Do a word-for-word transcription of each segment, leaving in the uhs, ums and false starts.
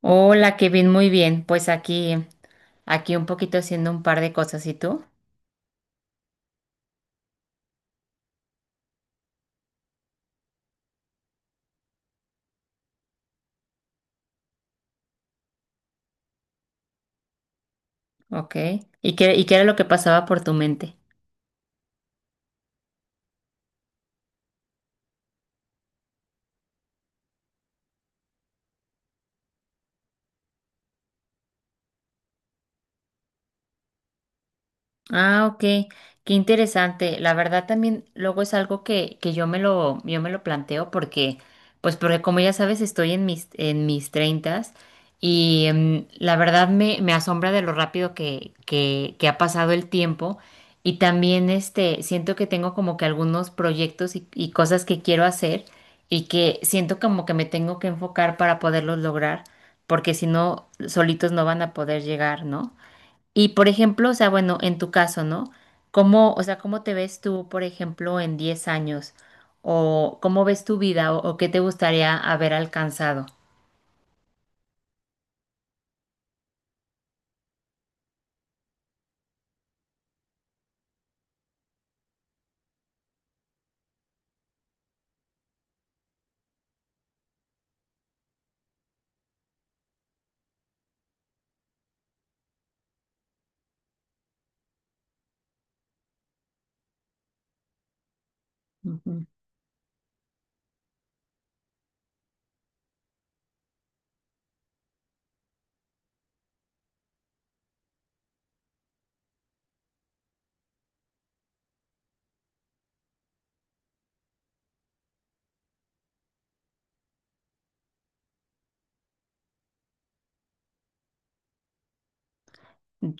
Hola, Kevin, muy bien. Pues aquí, aquí un poquito haciendo un par de cosas. ¿Y tú? Ok. ¿Y qué, y qué era lo que pasaba por tu mente? Ah, ok, qué interesante. La verdad también luego es algo que, que yo me lo, yo me lo planteo porque, pues porque como ya sabes, estoy en mis, en mis treintas y em, la verdad me, me asombra de lo rápido que, que, que ha pasado el tiempo y también este, siento que tengo como que algunos proyectos y, y cosas que quiero hacer y que siento como que me tengo que enfocar para poderlos lograr porque si no, solitos no van a poder llegar, ¿no? Y por ejemplo, o sea, bueno, en tu caso, ¿no? ¿Cómo, o sea, cómo te ves tú, por ejemplo, en diez años? ¿O cómo ves tu vida? ¿O, o qué te gustaría haber alcanzado? Ujú.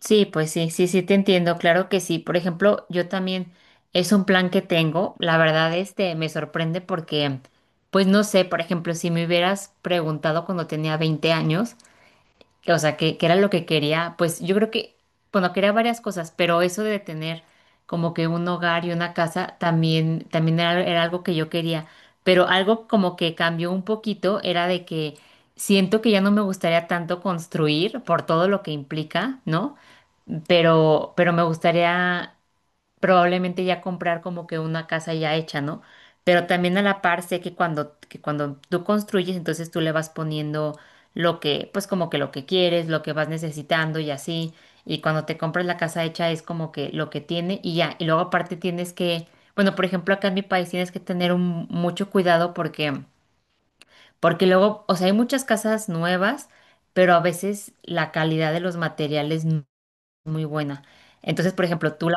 Sí, pues sí, sí, sí te entiendo, claro que sí. Por ejemplo, yo también es un plan que tengo. La verdad, este me sorprende porque, pues no sé, por ejemplo, si me hubieras preguntado cuando tenía veinte años, o sea, que, que era lo que quería, pues yo creo que, bueno, quería varias cosas, pero eso de tener como que un hogar y una casa también, también era, era algo que yo quería, pero algo como que cambió un poquito era de que siento que ya no me gustaría tanto construir por todo lo que implica, ¿no? Pero, pero me gustaría probablemente ya comprar como que una casa ya hecha, ¿no? Pero también a la par sé que cuando, que cuando tú construyes, entonces tú le vas poniendo lo que, pues como que lo que quieres, lo que vas necesitando y así. Y cuando te compras la casa hecha es como que lo que tiene y ya. Y luego aparte tienes que, bueno, por ejemplo, acá en mi país tienes que tener un- mucho cuidado porque, porque luego, o sea, hay muchas casas nuevas, pero a veces la calidad de los materiales no es muy buena. Entonces, por ejemplo, tú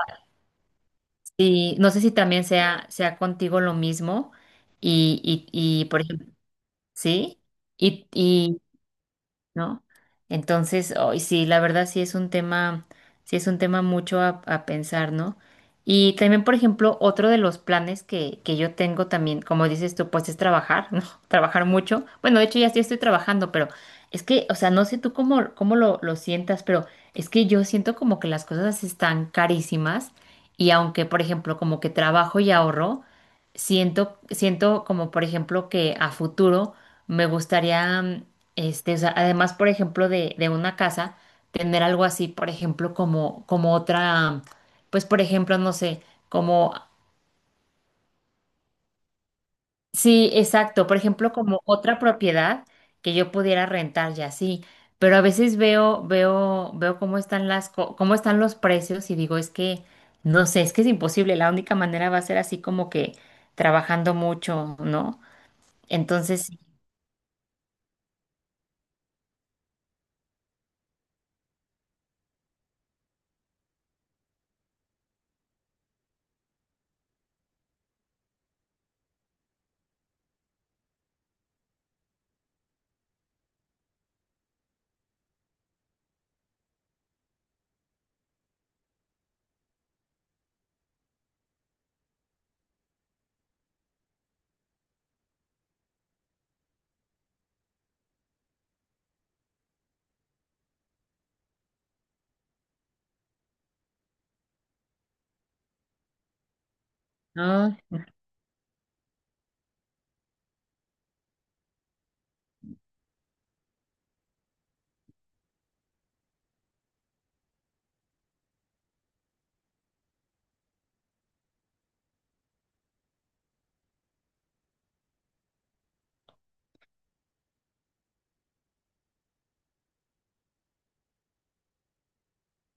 y no sé si también sea, sea contigo lo mismo y, y, y por ejemplo, ¿sí? Y, ¿no? Entonces, hoy sí, la verdad sí es un tema, sí es un tema mucho a, a pensar, ¿no? Y también, por ejemplo, otro de los planes que, que yo tengo también, como dices tú, pues es trabajar, ¿no? Trabajar mucho. Bueno, de hecho ya sí estoy trabajando, pero es que, o sea, no sé tú cómo, cómo lo, lo sientas, pero es que yo siento como que las cosas están carísimas y aunque, por ejemplo, como que trabajo y ahorro, siento, siento como, por ejemplo, que a futuro me gustaría mm, este, o sea, además, por ejemplo, de, de una casa, tener algo así, por ejemplo, como, como otra, pues, por ejemplo, no sé, como, sí, exacto, por ejemplo, como otra propiedad que yo pudiera rentar ya así. Pero a veces veo, veo, veo cómo están las, co- cómo están los precios y digo, es que, no sé, es que es imposible. La única manera va a ser así como que trabajando mucho, ¿no? Entonces, sí, ¿no?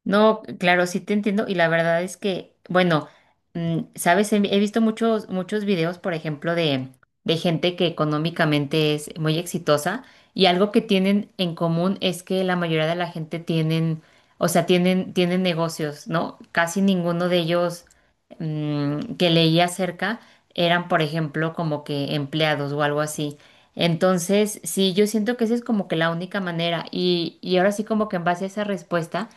No, claro, sí te entiendo y la verdad es que, bueno, mm, sabes, he, he visto muchos, muchos videos, por ejemplo, de, de gente que económicamente es muy exitosa y algo que tienen en común es que la mayoría de la gente tienen, o sea, tienen, tienen negocios, ¿no? Casi ninguno de ellos mm, que leía acerca eran, por ejemplo, como que empleados o algo así. Entonces, sí, yo siento que esa es como que la única manera y, y ahora sí como que en base a esa respuesta.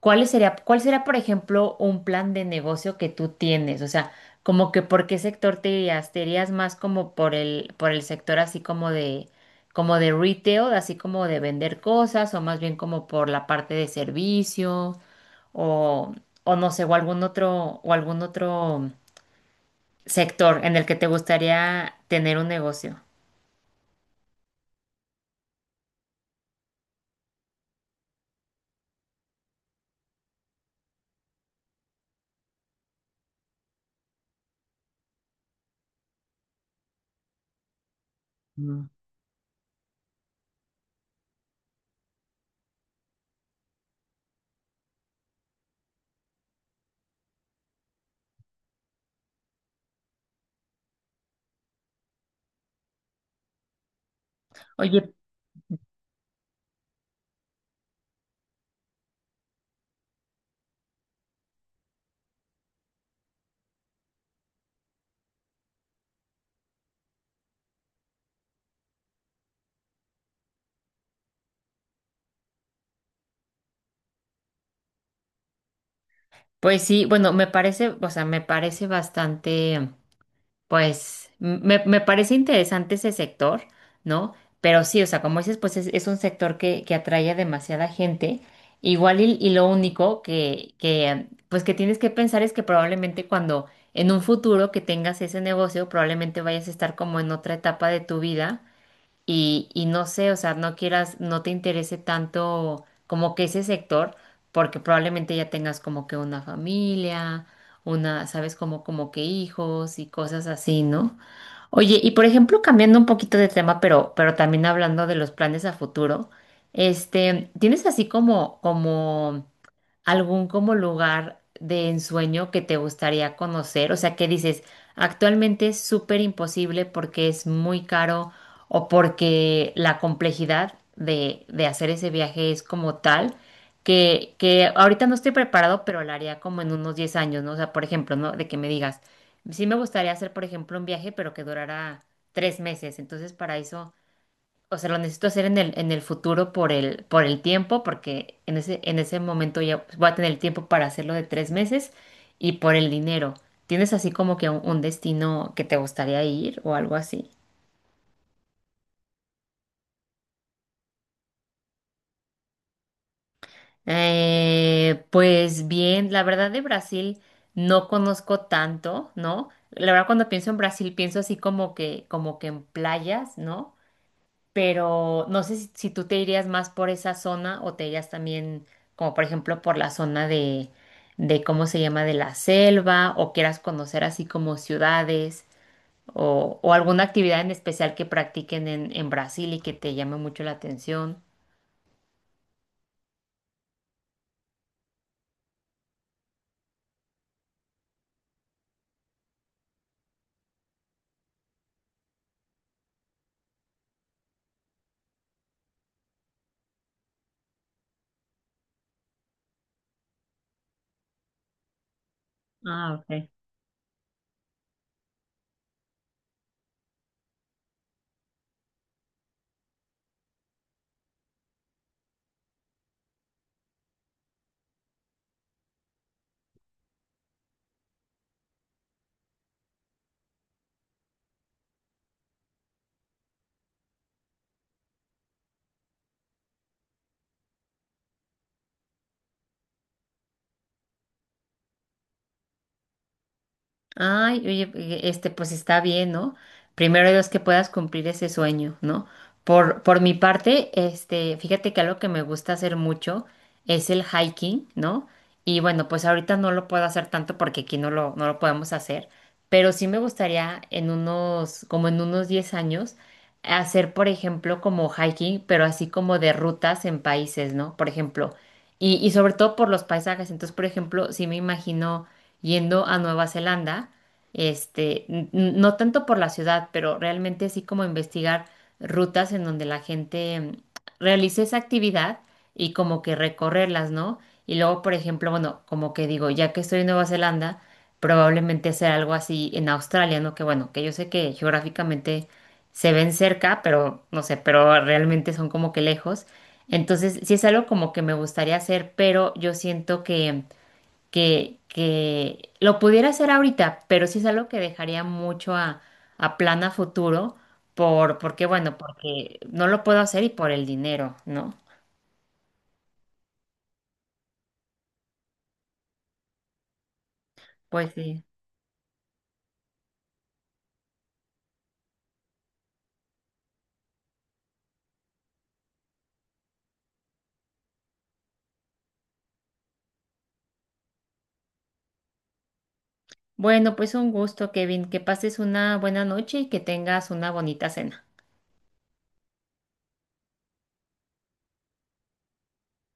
¿Cuál sería, cuál será, por ejemplo, un plan de negocio que tú tienes? O sea, como que por qué sector te irías, te irías más como por el, por el sector así como de, como de retail, así como de vender cosas, o más bien como por la parte de servicio, o, o no sé, o algún otro, o algún otro sector en el que te gustaría tener un negocio. Mm. Oye, pues sí, bueno, me parece, o sea, me parece bastante. Pues me, me parece interesante ese sector, ¿no? Pero sí, o sea, como dices, pues es, es un sector que, que atrae a demasiada gente. Igual y, y lo único que, que, pues que tienes que pensar es que probablemente cuando en un futuro que tengas ese negocio, probablemente vayas a estar como en otra etapa de tu vida y, y no sé, o sea, no quieras, no te interese tanto como que ese sector, porque probablemente ya tengas como que una familia, una, sabes, como, como que hijos y cosas así, ¿no? Oye, y por ejemplo, cambiando un poquito de tema, pero, pero también hablando de los planes a futuro, este, ¿tienes así como, como algún como lugar de ensueño que te gustaría conocer? O sea, que dices, actualmente es súper imposible porque es muy caro o porque la complejidad de, de hacer ese viaje es como tal que, que ahorita no estoy preparado, pero lo haría como en unos diez años, ¿no? O sea, por ejemplo, ¿no? De que me digas, sí me gustaría hacer, por ejemplo, un viaje, pero que durara tres meses. Entonces, para eso o sea, lo necesito hacer en el, en el futuro por el, por el tiempo, porque en ese, en ese momento ya pues, voy a tener el tiempo para hacerlo de tres meses y por el dinero. ¿Tienes así como que un, un destino que te gustaría ir o algo así? Eh, pues bien, la verdad de Brasil no conozco tanto, ¿no? La verdad cuando pienso en Brasil pienso así como que, como que en playas, ¿no? Pero no sé si, si tú te irías más por esa zona o te irías también, como por ejemplo, por la zona de, de cómo se llama, de la selva, o quieras conocer así como ciudades, o, o alguna actividad en especial que practiquen en, en Brasil y que te llame mucho la atención. Ah, ok. Ay, oye, e- este, pues está bien, ¿no? Primero Dios que puedas cumplir ese sueño, ¿no? Por, por mi parte, este, fíjate que algo que me gusta hacer mucho es el hiking, ¿no? Y bueno, pues ahorita no lo puedo hacer tanto porque aquí no lo, no lo podemos hacer, pero sí me gustaría en unos, como en unos diez años, hacer, por ejemplo, como hiking, pero así como de rutas en países, ¿no? Por ejemplo, y, y sobre todo por los paisajes. Entonces, por ejemplo, sí me imagino yendo a Nueva Zelanda, este, n- no tanto por la ciudad, pero realmente así como investigar rutas en donde la gente mm, realice esa actividad y como que recorrerlas, ¿no? Y luego, por ejemplo, bueno, como que digo, ya que estoy en Nueva Zelanda, probablemente hacer algo así en Australia, ¿no? Que bueno, que yo sé que geográficamente se ven cerca, pero no sé, pero realmente son como que lejos. Entonces, sí es algo como que me gustaría hacer, pero yo siento que que, que lo pudiera hacer ahorita, pero sí es algo que dejaría mucho a, a plan a futuro, por, porque bueno, porque no lo puedo hacer y por el dinero, ¿no? Pues sí. Bueno, pues un gusto, Kevin, que pases una buena noche y que tengas una bonita cena.